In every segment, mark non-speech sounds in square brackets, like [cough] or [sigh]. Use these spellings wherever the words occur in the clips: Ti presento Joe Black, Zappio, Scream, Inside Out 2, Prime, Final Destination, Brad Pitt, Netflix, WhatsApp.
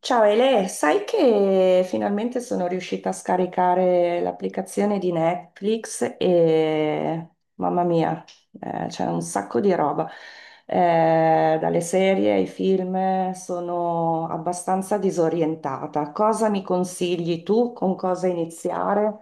Ciao Ele, sai che finalmente sono riuscita a scaricare l'applicazione di Netflix e mamma mia, c'è un sacco di roba. Dalle serie ai film sono abbastanza disorientata. Cosa mi consigli tu? Con cosa iniziare?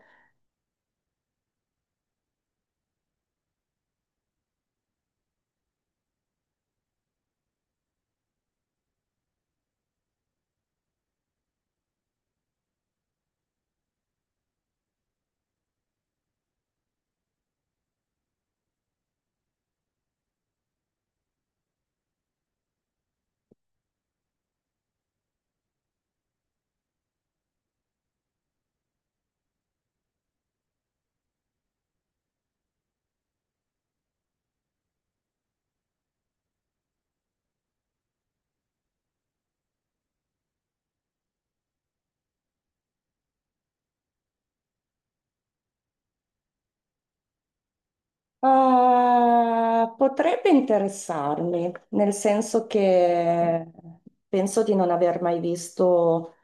Potrebbe interessarmi, nel senso che penso di non aver mai visto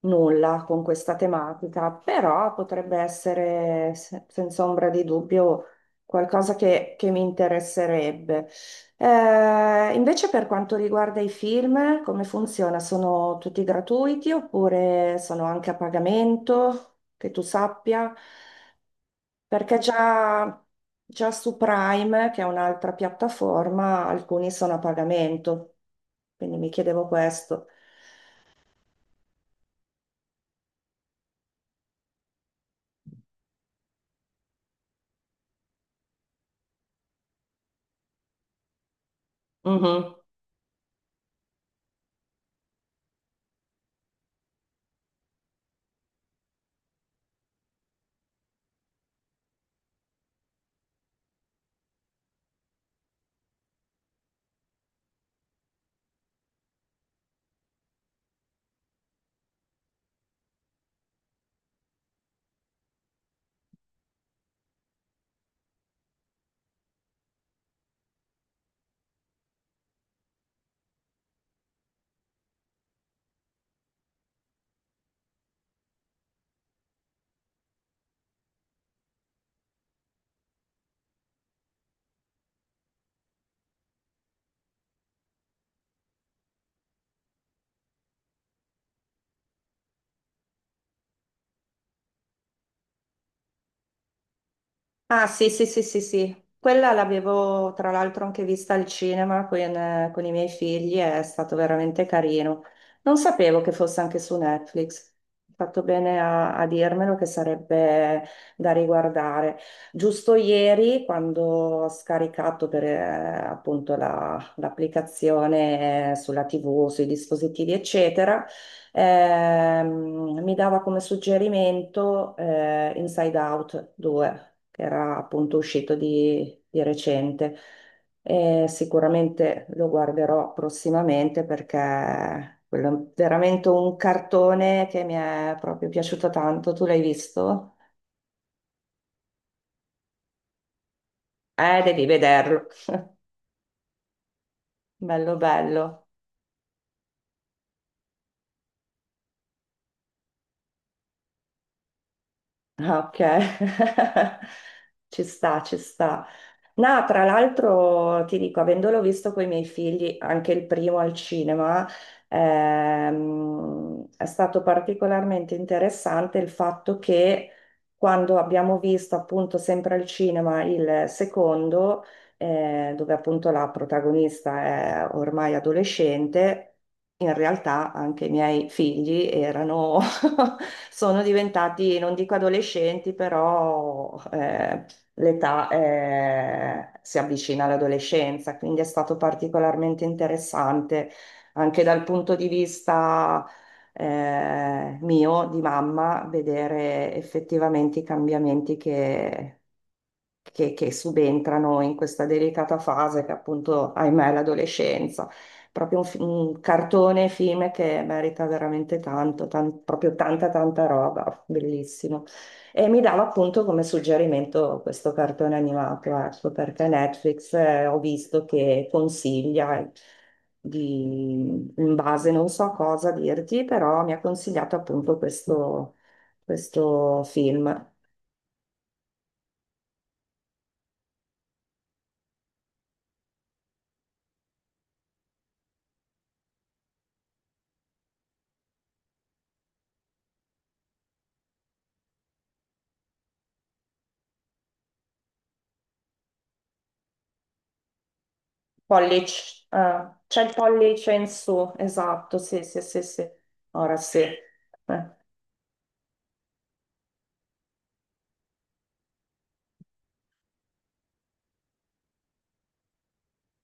nulla con questa tematica, però potrebbe essere senza ombra di dubbio qualcosa che mi interesserebbe. Invece per quanto riguarda i film, come funziona? Sono tutti gratuiti oppure sono anche a pagamento, che tu sappia? Perché già su Prime, che è un'altra piattaforma, alcuni sono a pagamento, quindi mi chiedevo questo. Mhm. Ah, sì, sì, sì, sì, sì. Quella l'avevo tra l'altro anche vista al cinema con i miei figli, è stato veramente carino. Non sapevo che fosse anche su Netflix. Hai fatto bene a dirmelo che sarebbe da riguardare. Giusto ieri, quando ho scaricato per, appunto l'applicazione sulla TV, sui dispositivi, eccetera, mi dava come suggerimento Inside Out 2, che era appunto uscito di recente. E sicuramente lo guarderò prossimamente perché quello è veramente un cartone che mi è proprio piaciuto tanto. Tu l'hai visto? Devi vederlo. [laughs] Bello, bello. Ah, ok, [laughs] ci sta, ci sta. No, tra l'altro ti dico, avendolo visto con i miei figli, anche il primo al cinema, è stato particolarmente interessante il fatto che quando abbiamo visto appunto sempre al cinema il secondo, dove appunto la protagonista è ormai adolescente, in realtà anche i miei figli erano, [laughs] sono diventati, non dico adolescenti, però, l'età si avvicina all'adolescenza, quindi è stato particolarmente interessante anche dal punto di vista mio, di mamma, vedere effettivamente i cambiamenti che subentrano in questa delicata fase che appunto, ahimè, è l'adolescenza. Proprio un cartone, film che merita veramente tanto, proprio tanta roba, bellissimo. E mi dava appunto come suggerimento questo cartone animato, ecco, perché Netflix ho visto che consiglia di, in base non so cosa dirti, però mi ha consigliato appunto questo film. Pollice, c'è il pollice in su, esatto, sì, sì, sì, sì, ora sì. Eh.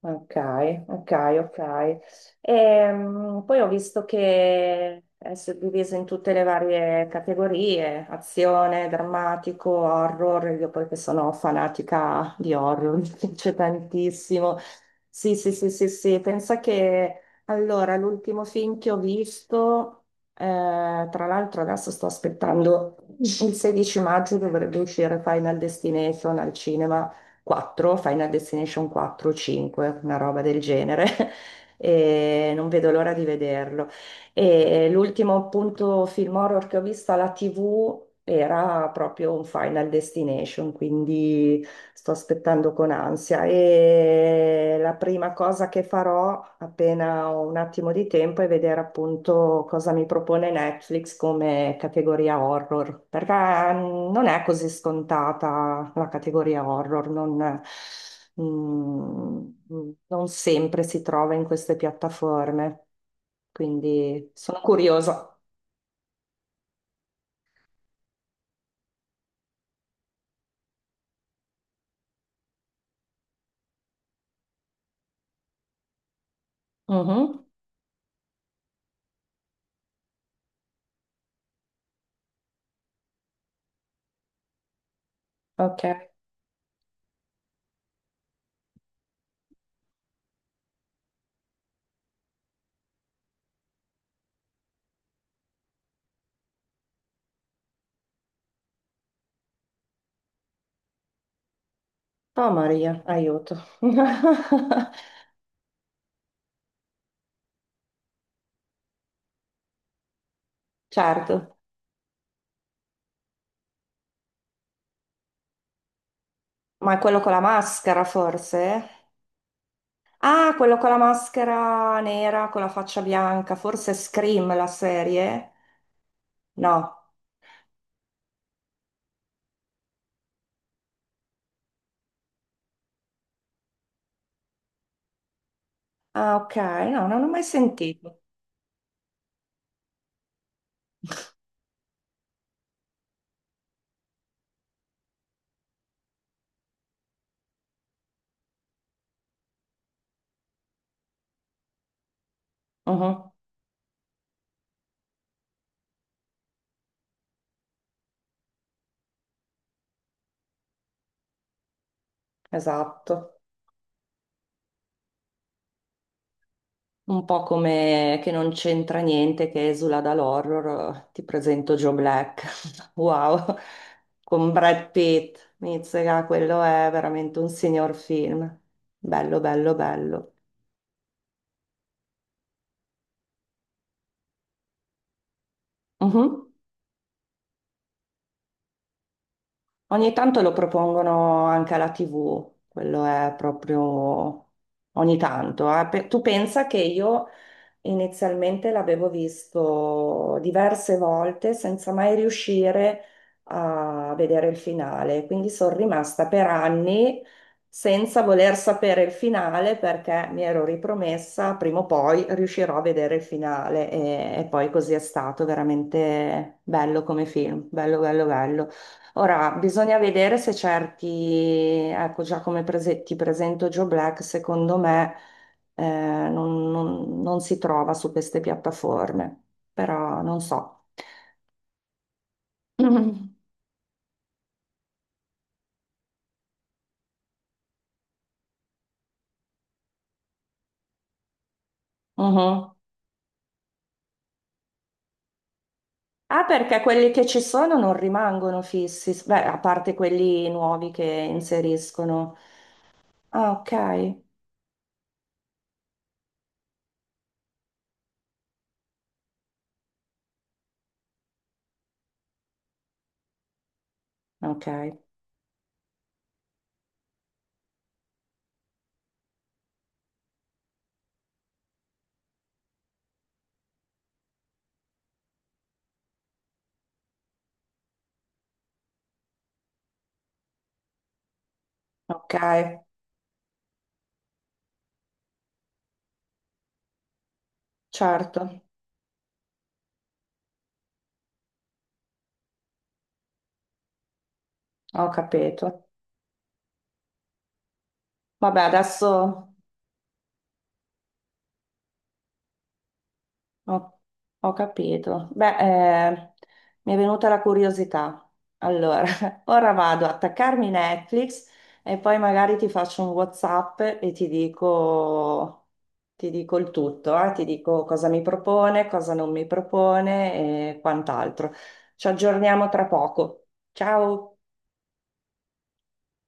Ok, ok, ok. Poi ho visto che è suddiviso in tutte le varie categorie: azione, drammatico, horror. Io poi che sono fanatica di horror, [laughs] mi piace tantissimo. Sì, sì, sì, sì, sì, pensa che allora l'ultimo film che ho visto, tra l'altro adesso sto aspettando: il 16 maggio dovrebbe uscire Final Destination al cinema. 4, Final Destination 4 o 5, una roba del genere. [laughs] E non vedo l'ora di vederlo. E l'ultimo appunto film horror che ho visto alla TV era proprio un Final Destination. Quindi sto aspettando con ansia, e la prima cosa che farò appena ho un attimo di tempo è vedere appunto cosa mi propone Netflix come categoria horror, perché non è così scontata la categoria horror, non, mm, mm, non sempre si trova in queste piattaforme, quindi sono curiosa. Mhm, ok. Oh Maria, aiuto. [laughs] Certo. Ma è quello con la maschera, forse? Ah, quello con la maschera nera, con la faccia bianca, forse è Scream la serie? No. Ah, ok, no, non ho mai sentito. Mhm, esatto. Un po' come, che non c'entra niente, che esula dall'horror. Ti presento Joe Black. [laughs] Wow. Con Brad Pitt. Mizzica, quello è veramente un signor film. Bello, bello, bello. Mhm. Ogni tanto lo propongono anche alla TV, quello è proprio ogni tanto. Eh. Tu pensa che io inizialmente l'avevo visto diverse volte senza mai riuscire a vedere il finale, quindi sono rimasta per anni senza voler sapere il finale, perché mi ero ripromessa: prima o poi riuscirò a vedere il finale, e poi così è stato. Veramente bello come film, bello, bello, bello. Ora, bisogna vedere se certi, ecco già come ti presento Joe Black, secondo me eh, non si trova su queste piattaforme, però non so. [laughs] Mhm. Mhm. Ah, perché quelli che ci sono non rimangono fissi, beh, a parte quelli nuovi che inseriscono. Ah, ok, ok, ok, certo, ho capito. Vabbè, adesso. Ho, ho capito. Beh, eh, mi è venuta la curiosità. Allora, [laughs] ora vado a attaccarmi Netflix e poi magari ti faccio un WhatsApp e ti dico, il tutto, ti dico cosa mi propone, cosa non mi propone e quant'altro. Ci aggiorniamo tra poco. Ciao!